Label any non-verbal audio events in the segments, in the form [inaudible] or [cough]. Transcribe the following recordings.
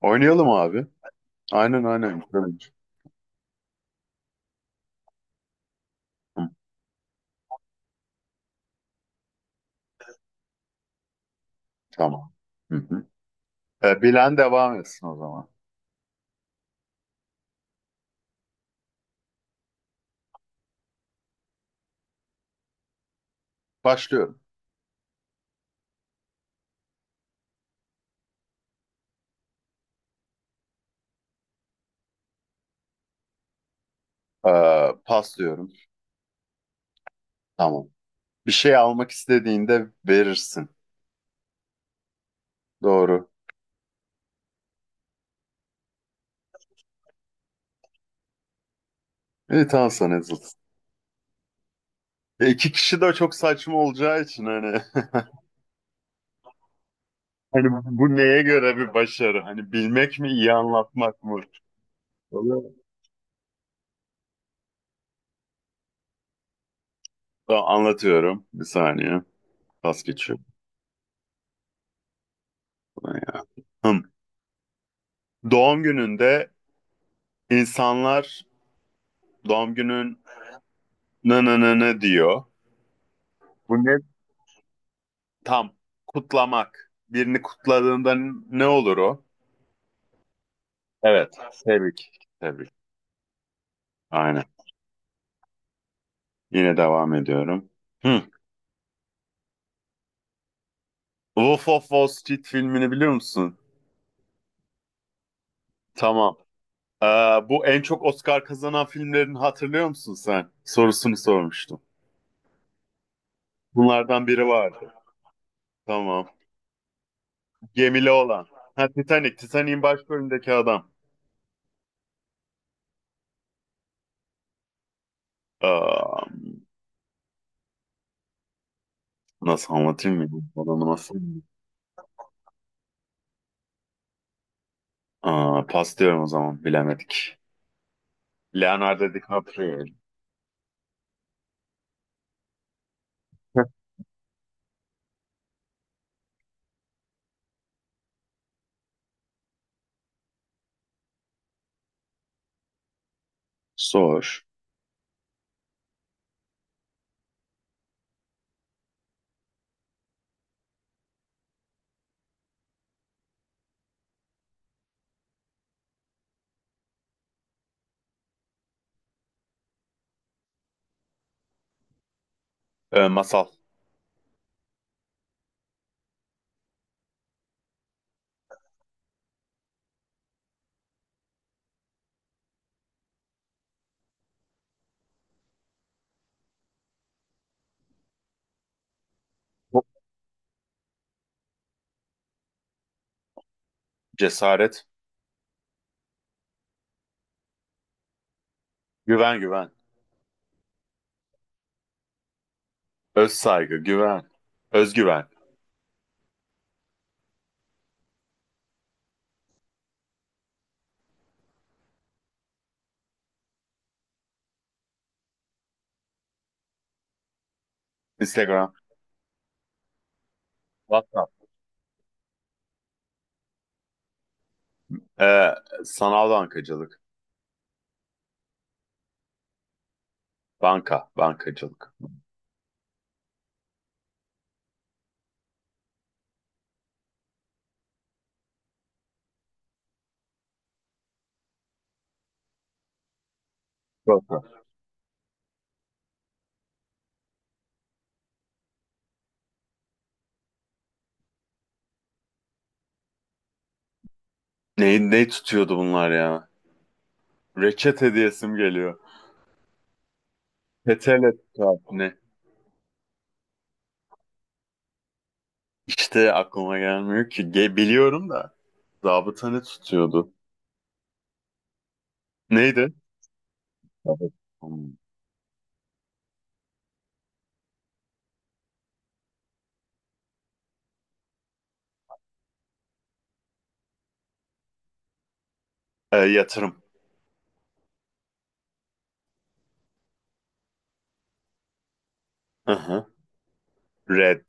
Oynayalım abi. Aynen aynen. Güzel olur. Hı, tamam. Hı hı. Bilen devam etsin o zaman. Başlıyorum. Pas diyorum. Tamam. Bir şey almak istediğinde verirsin. Doğru. İyi tamam sana yazılsın. İki kişi de çok saçma olacağı için hani [laughs] hani bu neye göre bir başarı? Hani bilmek mi iyi anlatmak mı? Vallahi- Tamam, anlatıyorum. Bir saniye. Pas geçiyorum. Buradan ya. Hım. Doğum gününde insanlar doğum günün nı nı nı nı diyor. Bu ne? Tam. Kutlamak. Birini kutladığında ne olur o? Evet. Tebrik. Tebrik. Aynen. Yine devam ediyorum. Hı. Wolf of Wall Street filmini biliyor musun? Tamam. Ee, Bu en çok Oscar kazanan filmlerini hatırlıyor musun sen? Sorusunu sormuştum. Bunlardan biri vardı. Tamam. Gemili olan. Ha, Titanic. Titanic'in başrolündeki adam. Aa, nasıl anlatayım mı? Adamı nasıl? Aa, pas diyorum o zaman. Bilemedik. Leonardo DiCaprio. [laughs] Zor. Masal. Cesaret. Güven güven. Öz saygı. Güven. Özgüven. Instagram. WhatsApp. Ee, Sanal bankacılık. Banka. Bankacılık. Banka. Neyi tutuyordu bunlar ya? Reçet hediyesim geliyor. Petele tutar. Ne? İşte aklıma gelmiyor ki. Biliyorum da. Zabıta ne tutuyordu? Neydi? Zabıta. Hmm. Yatırım. Hı hı. Red.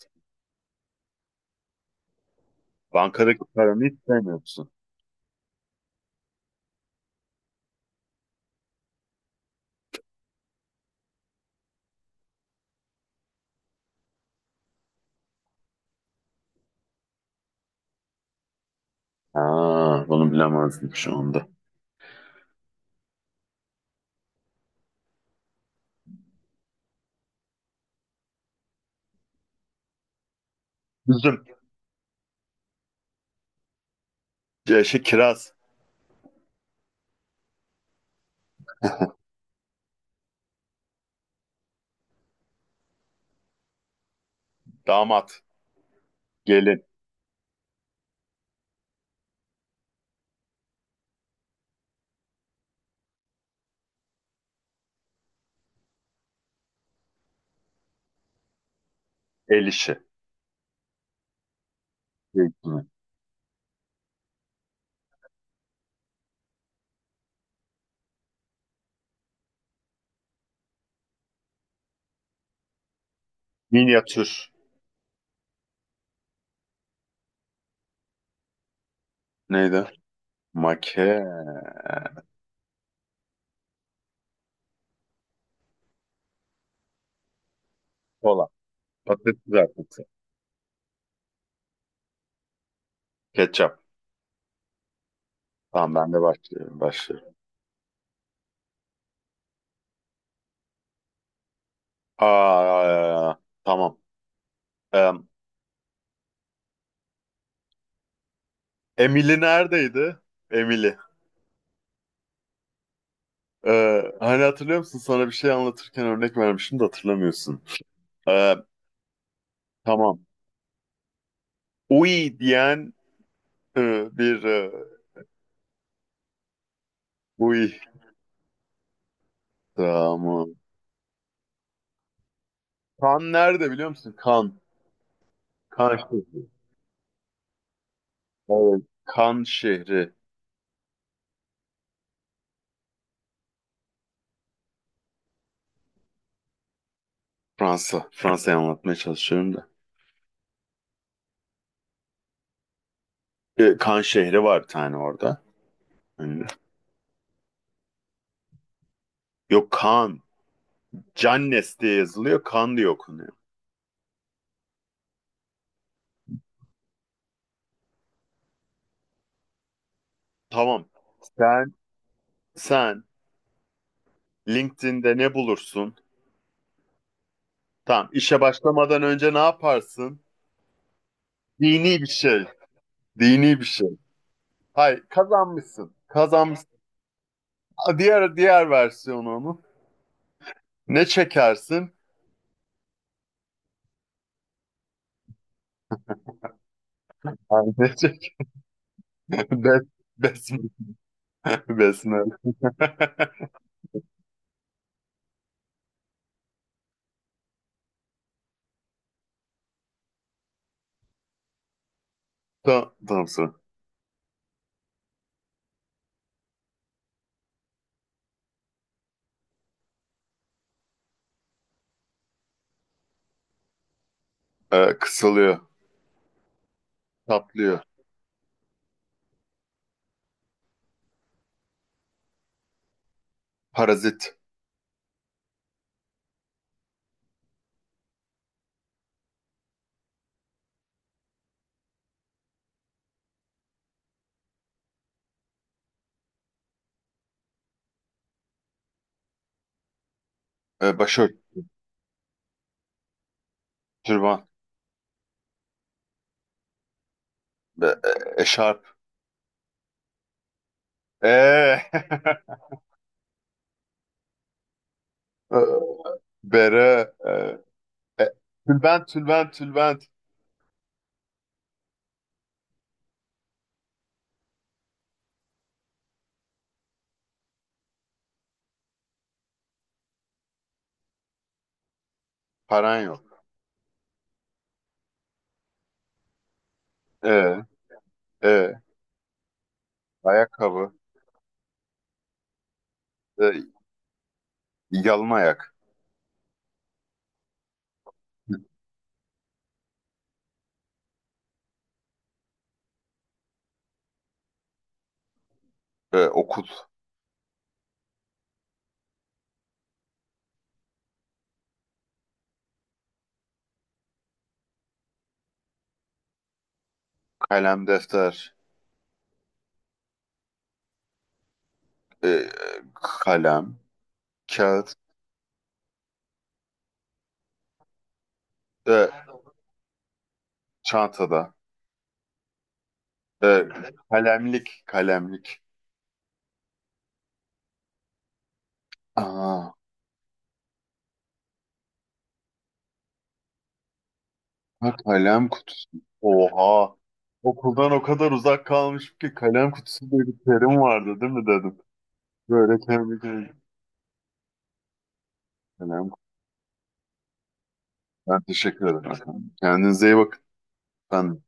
Bankadaki paranı hiç sevmiyorsun. Aa, bunu bilemezdim şu anda. Üzüm, şey, kiraz, damat, gelin, el işi, zeytini, minyatür, neydi? Make, kola, patates kızartması, ketçap. Tamam ben de başlıyorum, başlıyorum. Aa, tamam. Em, Emily neredeydi? Emily. Hani hatırlıyor musun? Sana bir şey anlatırken örnek vermiştim de hatırlamıyorsun. Ee, tamam. Uy diyen bir uy. Tamam. Kan nerede biliyor musun? Kan. Kan şehri. Evet. Kan şehri. Fransa. Fransa'yı anlatmaya çalışıyorum da. Kan şehri var bir tane orada. Ünlü. Yok Kan. Cannes diye yazılıyor. Kan diye okunuyor. Tamam. Sen sen LinkedIn'de ne bulursun? Tamam. İşe başlamadan önce ne yaparsın? Dini bir şey. Dini bir şey. Hayır, kazanmışsın. Kazanmışsın. Diğer versiyonu onun. Ne çekersin? Yani ne çekersin? [laughs] Bes- Besmele. [laughs] Tamam, tamam sıra. Kısalıyor, tatlıyor, parazit, başörtü, türban, eşarp, ee, [laughs] e, bere, e- tülbent, tülbent, tülbent, paran yok, ee, ee, ayakkabı, ee, yalın ayak, okul, kalem, defter, ee, kalem, kağıt, ee, çantada, ee, kalemlik, kalemlik, Aa, ha, kalem kutusu. Oha. Okuldan o kadar uzak kalmışım ki kalem kutusu diye bir terim vardı değil mi dedim. Böyle kendi kendime. Kalem kutusu. Ben teşekkür ederim, efendim. Kendinize iyi bakın. Ben